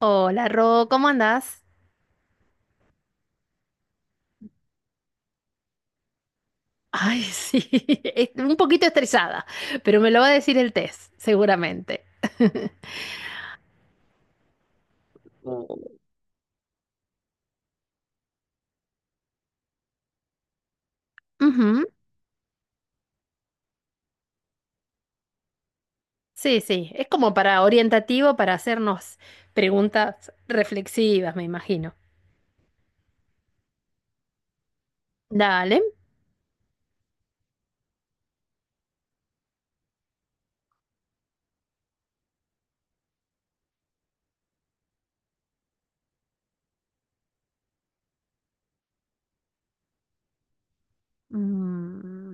Hola, Ro, ¿cómo andás? Ay, sí, un poquito estresada, pero me lo va a decir el test, seguramente. Mm. Ujú. Sí, sí, es como para orientativo, para hacernos preguntas reflexivas, me imagino. Dale. Mm,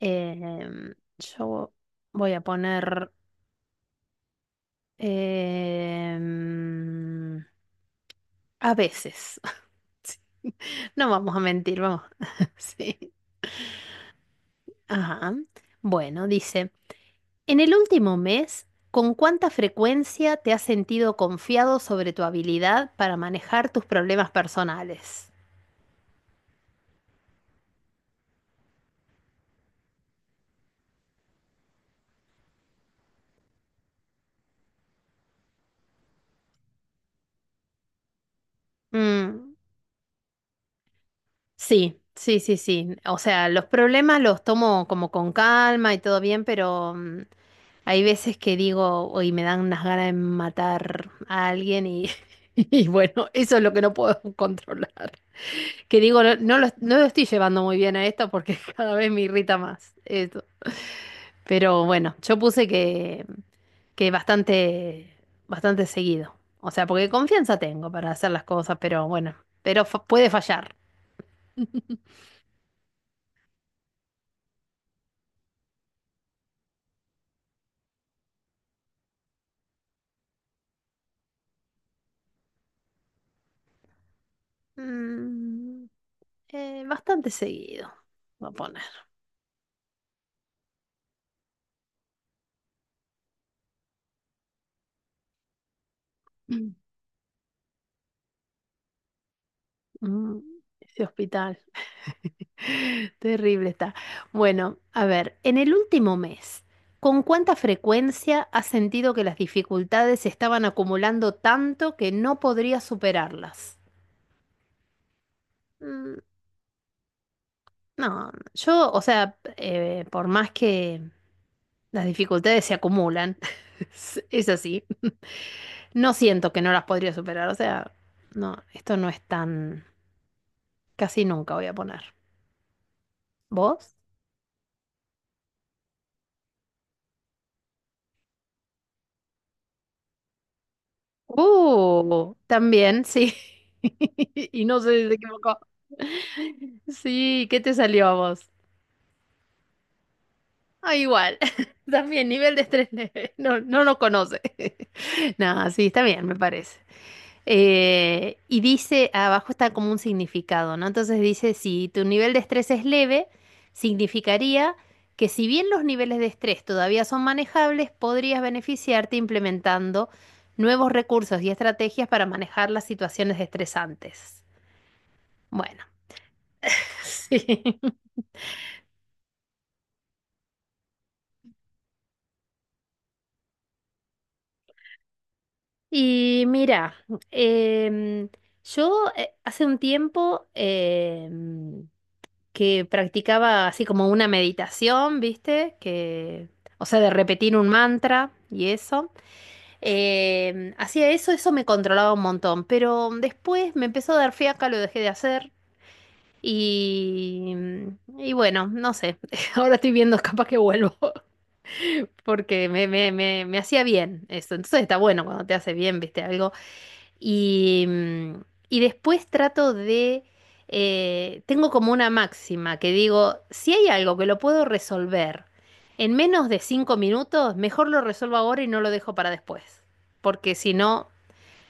em, yo voy a poner, em, a veces. No vamos a mentir, vamos. Sí. Ajá. Bueno, dice. En el último mes, ¿con cuánta frecuencia te has sentido confiado sobre tu habilidad para manejar tus problemas personales? Mm, sí, sí, sí, sí. O sea, los problemas los tomo como con calma y todo bien, pero hay veces que digo, hoy me dan unas ganas de matar a alguien y, y bueno, eso es lo que no puedo controlar. Que digo, no, no lo estoy llevando muy bien a esto porque cada vez me irrita más. Eso. Pero bueno, yo puse que bastante, bastante seguido. O sea, porque confianza tengo para hacer las cosas, pero bueno, pero puede fallar. Mm, bastante seguido, voy a poner. Mm, mm, ese hospital. Terrible está. Bueno, a ver, en el último mes, ¿con cuánta frecuencia has sentido que las dificultades se estaban acumulando tanto que no podrías superarlas? Mm, no, yo, o sea, por más que las dificultades se acumulan. Es así. No siento que no las podría superar. O sea, no, esto no es tan... Casi nunca voy a poner. ¿Vos? También, sí. Y no sé si se equivocó. Sí, ¿qué te salió a vos? Ah, igual. También nivel de estrés leve. No, no lo conoce. Nada, sí, está bien, me parece. Y dice, abajo está como un significado, ¿no? Entonces dice, si tu nivel de estrés es leve, significaría que si bien los niveles de estrés todavía son manejables, podrías beneficiarte implementando nuevos recursos y estrategias para manejar las situaciones estresantes. Bueno, sí. Y mira, em, yo hace un tiempo... que practicaba así como una meditación, ¿viste? Que, o sea, de repetir un mantra y eso. Hacía eso, eso me controlaba un montón, pero después me empezó a dar fiaca, lo dejé de hacer y, y bueno, no sé, ahora estoy viendo, capaz que vuelvo, porque me hacía bien eso. Entonces está bueno cuando te hace bien, ¿viste? Algo. Y, y después trato de, tengo como una máxima que digo, si hay algo que lo puedo resolver en menos de 5 minutos, mejor lo resuelvo ahora y no lo dejo para después, porque si no,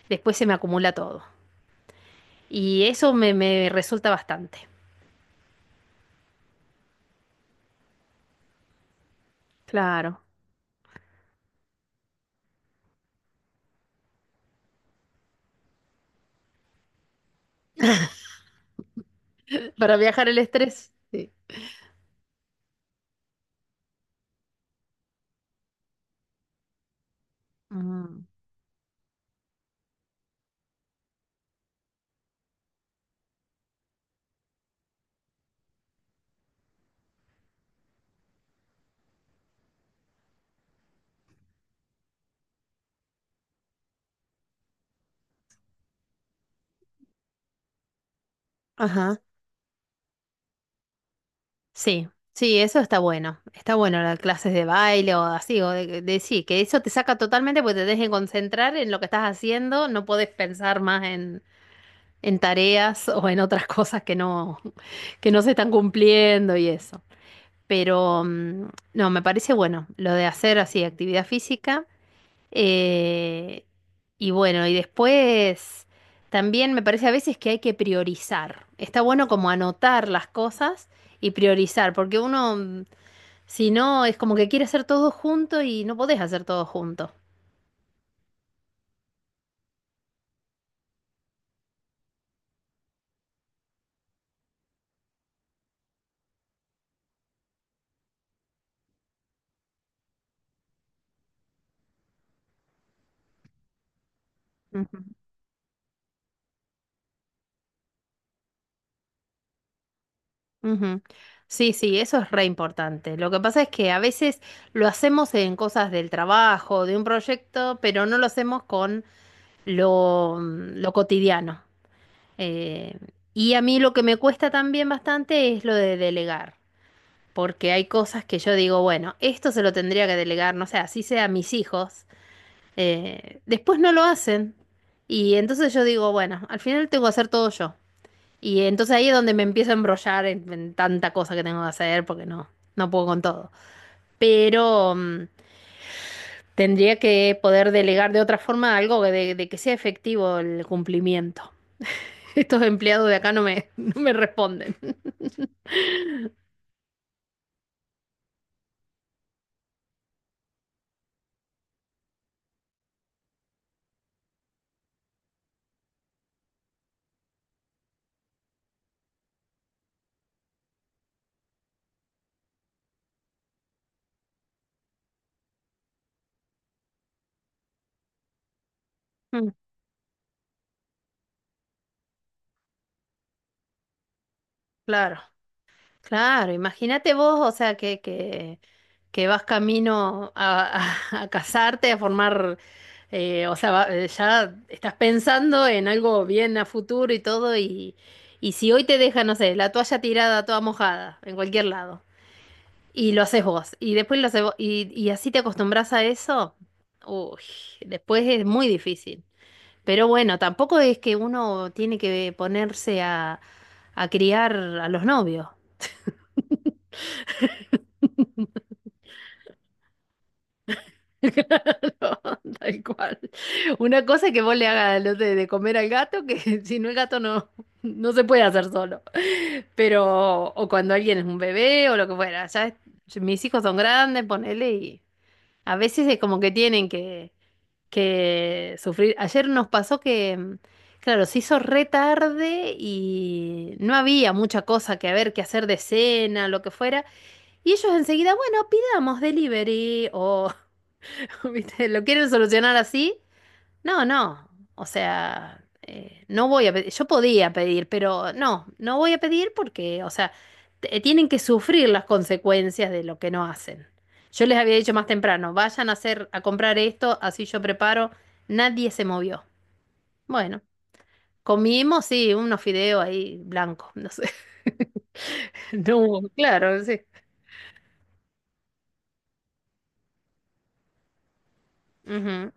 después se me acumula todo. Y eso me, me resulta bastante. Claro. Para viajar el estrés. Sí. Mm. Ajá. Sí, sí, eso está bueno. Está bueno, las clases de baile o así, o sí, que eso te saca totalmente porque te dejen concentrar en lo que estás haciendo, no podés pensar más en tareas o en otras cosas que no se están cumpliendo y eso. Pero no, me parece bueno lo de hacer así actividad física. eh, y bueno, y después también me parece a veces que hay que priorizar. Está bueno como anotar las cosas y priorizar, porque uno, si no, es como que quiere hacer todo junto y no podés hacer todo junto. Ujú, ujú. Sí, sí, eso es re importante. Lo que pasa es que a veces lo hacemos en cosas del trabajo, de un proyecto, pero no lo hacemos con lo, lo cotidiano. Eh, y a mí lo que me cuesta también bastante es lo de delegar, porque hay cosas que yo digo, bueno, esto se lo tendría que delegar, no sé, así sea a mis hijos. Después no lo hacen. Y entonces yo digo, bueno, al final tengo que hacer todo yo. Y entonces ahí es donde me empiezo a embrollar en tanta cosa que tengo que hacer porque no, no puedo con todo. Pero tendría que poder delegar de otra forma algo que de que sea efectivo el cumplimiento. Estos empleados de acá no me, no me responden. Mm. Claro, claro, imagínate vos, o sea, que vas camino a, a casarte, a formar, o sea, ya estás pensando en algo bien a futuro y todo, y si hoy te deja, no sé, la toalla tirada toda mojada en cualquier lado, y lo haces vos, y después lo haces vos, y así te acostumbras a eso, uy, después es muy difícil. Pero bueno, tampoco es que uno tiene que ponerse a criar a los novios. No, tal cual. Una cosa es que vos le hagas lo de comer al gato, que si no el gato no, no se puede hacer solo. Pero, o cuando alguien es un bebé o lo que fuera, ya mis hijos son grandes, ponele, y a veces es como que tienen que sufrir. Ayer nos pasó que, claro, se hizo re tarde y no había mucha cosa que a ver, que hacer de cena, lo que fuera. Y ellos enseguida, bueno, pidamos delivery o... ¿Viste? ¿Lo quieren solucionar así? No, no. O sea, no voy a pedir. Yo podía pedir, pero no, no voy a pedir porque, o sea, tienen que sufrir las consecuencias de lo que no hacen. Yo les había dicho más temprano, vayan a hacer, a comprar esto, así yo preparo. Nadie se movió. Bueno, comimos, sí, unos fideos ahí blancos, no sé. No hubo, claro, sí. Ujú.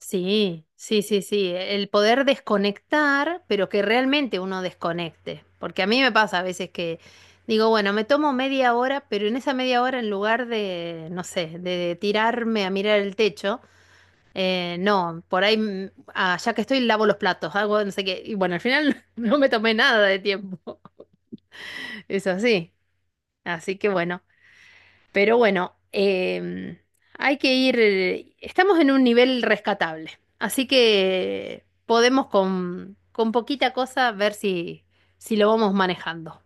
Sí, sí, sí, sí. El poder desconectar, pero que realmente uno desconecte. Porque a mí me pasa a veces que digo, bueno, me tomo media hora, pero en esa media hora, en lugar de, no sé, de tirarme a mirar el techo, no, por ahí, ah, ya que estoy, lavo los platos, hago no sé qué. Y bueno, al final no me tomé nada de tiempo. Eso sí. Así que bueno. Pero bueno, hay que ir, estamos en un nivel rescatable, así que podemos con poquita cosa ver si, si lo vamos manejando.